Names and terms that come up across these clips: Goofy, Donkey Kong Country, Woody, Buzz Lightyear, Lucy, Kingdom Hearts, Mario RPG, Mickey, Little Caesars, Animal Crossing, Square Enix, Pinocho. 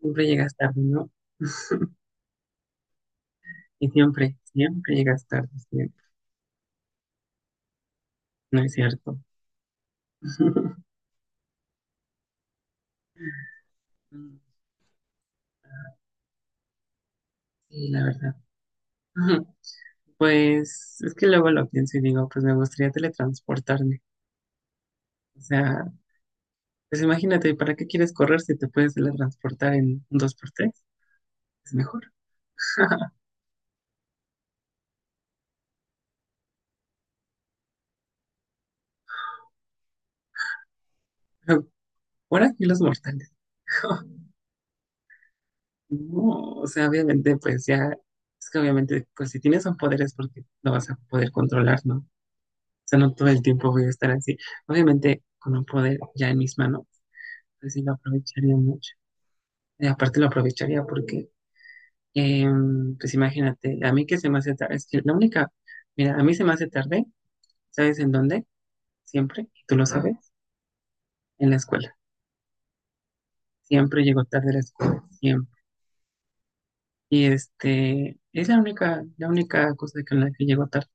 Siempre llegas tarde, ¿no? Y siempre, siempre llegas tarde, siempre. No es cierto. Mm. Sí, la verdad. Pues es que luego lo pienso y digo, pues me gustaría teletransportarme. O sea, pues imagínate, ¿para qué quieres correr si te puedes teletransportar en un 2x3? Es mejor. Pero por aquí los mortales. No, o sea, obviamente, pues ya, es que obviamente, pues si tienes un poder es porque lo vas a poder controlar, ¿no? Sea, no todo el tiempo voy a estar así. Obviamente, con un poder ya en mis manos, pues sí lo aprovecharía mucho. Y aparte lo aprovecharía porque, eh, pues imagínate, a mí que se me hace tarde, es que la única, mira, a mí se me hace tarde, ¿sabes en dónde? Siempre, y tú lo sabes, en la escuela. Siempre llego tarde a la escuela, siempre. Y este, es la única cosa con la que llego tarde.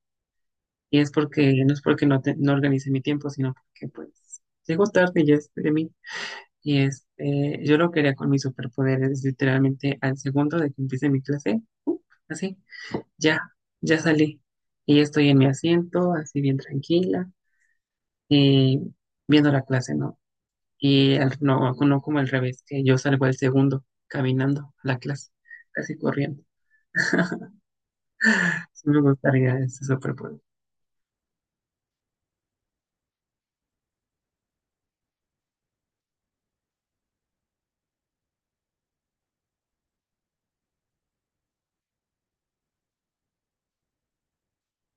Y es porque no, no organice mi tiempo, sino porque pues llego tarde y ya es de mí. Y este, yo lo quería con mis superpoderes, literalmente al segundo de que empiece mi clase, así, ya, ya salí. Y ya estoy en mi asiento, así bien tranquila, y viendo la clase, ¿no? Y no, no como al revés, que yo salgo al segundo, caminando a la clase, casi corriendo. Sí me gustaría ese superpoder.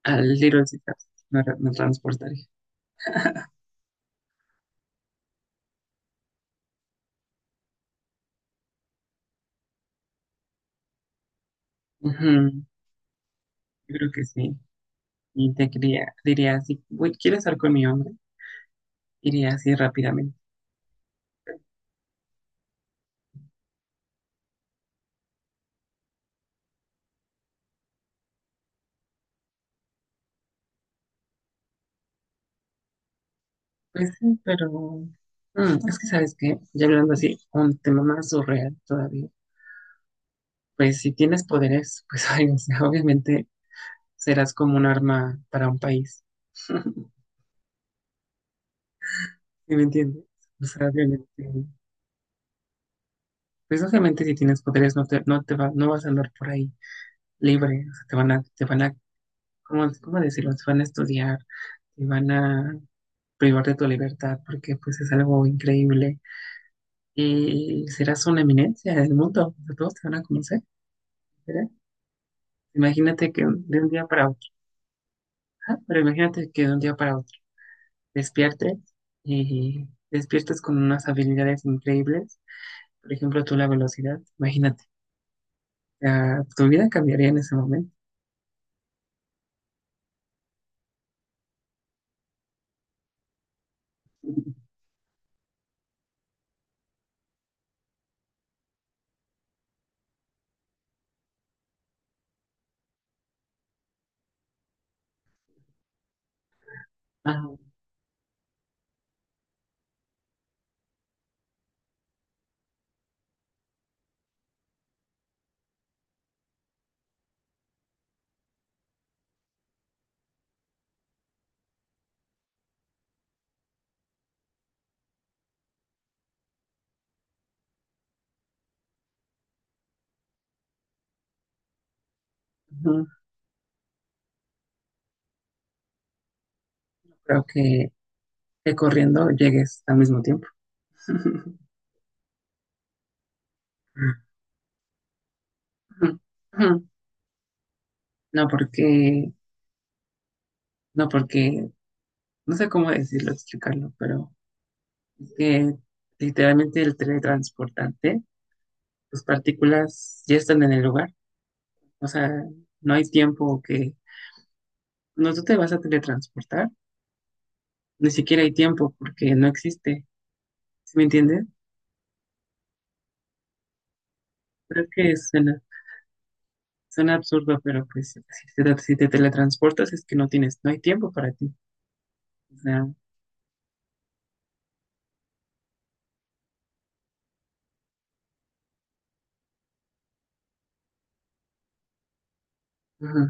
Al Little Caesars me, me transportaría. Ujú, yo creo que sí. Y te quería, diría así: "Uy, ¿quieres estar con mi hombre?" Iría así rápidamente. Pues sí, pero es que sabes qué, ya hablando así, un tema más surreal todavía, pues si tienes poderes, pues ay, o sea, obviamente serás como un arma para un país. ¿Sí me entiendes? O sea, obviamente, pues obviamente si tienes poderes no te, no te va, no vas a andar por ahí libre, o sea, te van a, ¿cómo decirlo? Te van a estudiar, te van a privar de tu libertad, porque pues es algo increíble. Y serás una eminencia del mundo, o sea, todos te van a conocer, ¿verdad? Imagínate que de un día para otro, ajá, pero imagínate que de un día para otro despiertes y despiertes con unas habilidades increíbles. Por ejemplo, tú la velocidad, imagínate, o sea, tu vida cambiaría en ese momento. Ah, ujú, creo que corriendo llegues al mismo tiempo. Ujú. No porque, no porque, no sé cómo decirlo, explicarlo, pero es que literalmente el teletransportante, tus partículas ya están en el lugar. O sea, no hay tiempo que... No, tú te vas a teletransportar, ni siquiera hay tiempo porque no existe, ¿sí me entiendes? Creo que suena, suena absurdo, pero pues si te, si te teletransportas es que no tienes, no hay tiempo para ti. O sea, ujú,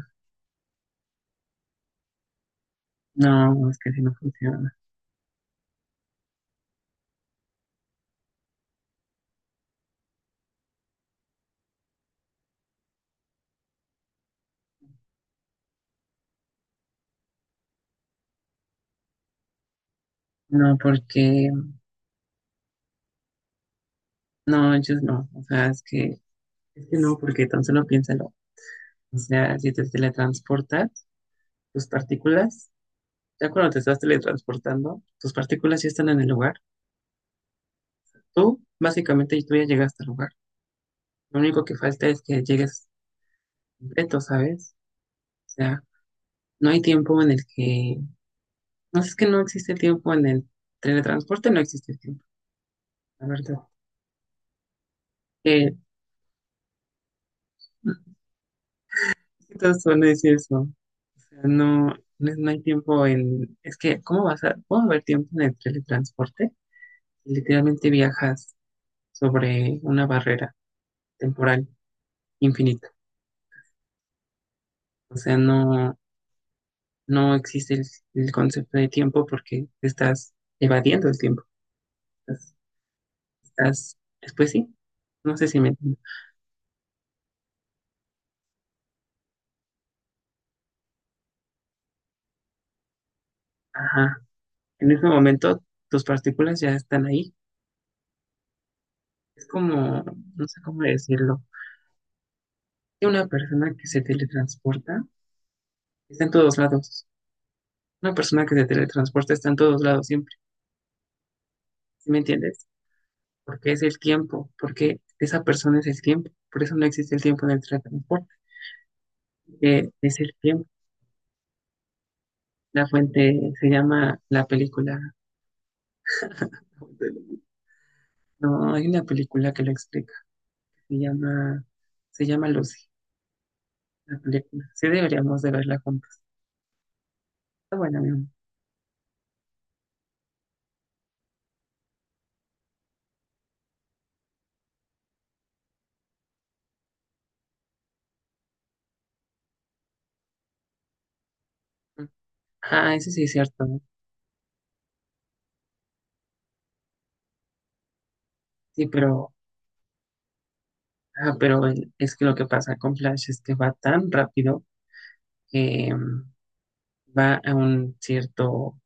no, es que así no funciona. No, porque, no, ellos no, o sea, es que no, porque tan solo piénsalo. O sea, si te teletransportas, tus partículas, ya cuando te estás teletransportando, tus partículas ya están en el lugar. Tú básicamente tú ya llegaste al lugar. Lo único que falta es que llegues completo, ¿sabes? O sea, no hay tiempo en el que... No es que no existe tiempo en el teletransporte, no existe tiempo, la verdad. Eh, es que todos van a decir eso. O sea, no, no, no hay tiempo en... Es que, ¿cómo vas a...? ¿Cómo va a haber tiempo en el teletransporte? Literalmente viajas sobre una barrera temporal infinita. O sea, no, no existe el concepto de tiempo porque estás evadiendo el tiempo. estás, Después sí, no sé si me entiendes. Ajá. En ese momento tus partículas ya están ahí. Es como, no sé cómo decirlo. Hay una persona que se teletransporta, está en todos lados. Una persona que se teletransporta está en todos lados siempre, ¿sí me entiendes? Porque es el tiempo, porque esa persona es el tiempo. Por eso no existe el tiempo en el teletransporte, que es el tiempo. La fuente se llama la película. No, hay una película que lo explica. Se llama, se llama Lucy, la película. Sí deberíamos de verla juntos. Está buena, mi amor. Ah, eso sí es cierto, ¿no? Sí, pero, ah, pero es que lo que pasa con Flash es que va tan rápido que va a un cierto,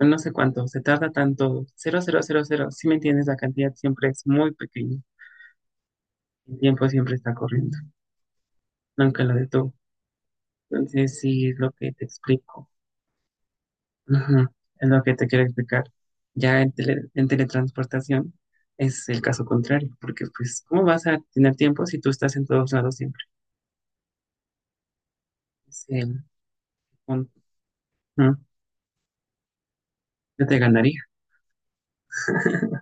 no sé cuánto, se tarda tanto, cero cero cero cero si me entiendes, la cantidad siempre es muy pequeña, el tiempo siempre está corriendo, nunca lo detuvo. Entonces, sí es lo que te explico. Ujú, es lo que te quiero explicar. Ya en, en teletransportación es el caso contrario, porque pues, ¿cómo vas a tener tiempo si tú estás en todos lados siempre? Es el punto. Ujú, yo te ganaría.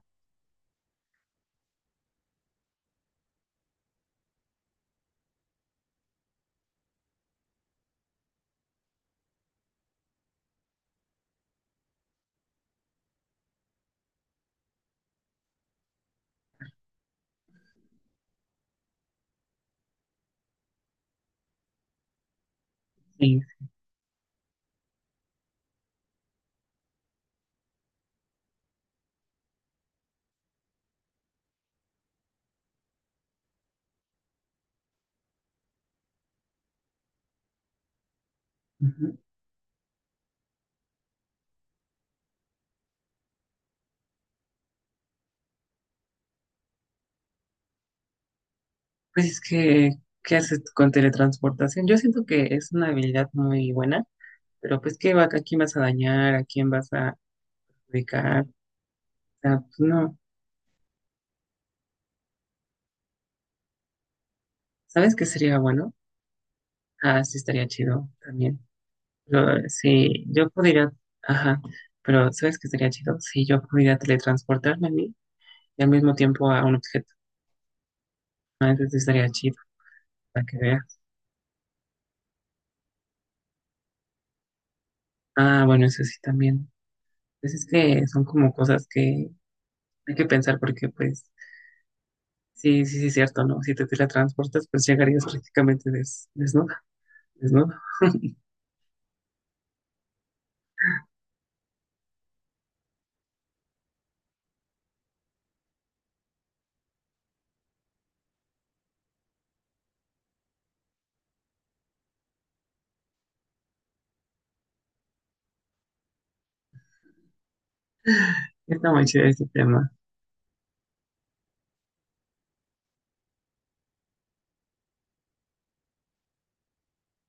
Sí. Ujú. Pues es que, ¿qué haces con teletransportación? Yo siento que es una habilidad muy buena, pero pues, ¿qué va, a quién vas a dañar? ¿A quién vas a ubicar? O sea, pues, no. ¿Sabes qué sería bueno? Ah, sí, estaría chido también. Pero, si yo pudiera, ajá, pero ¿sabes qué sería chido? Si yo pudiera teletransportarme a mí y al mismo tiempo a un objeto. Ah, eso sí estaría chido, para que veas. Ah, bueno, eso sí también. Pues es que son como cosas que hay que pensar porque, pues, sí, sí, sí, cierto, ¿no? Si te teletransportas, pues llegarías prácticamente des, desnuda, desnudo. Está muy chido este tema.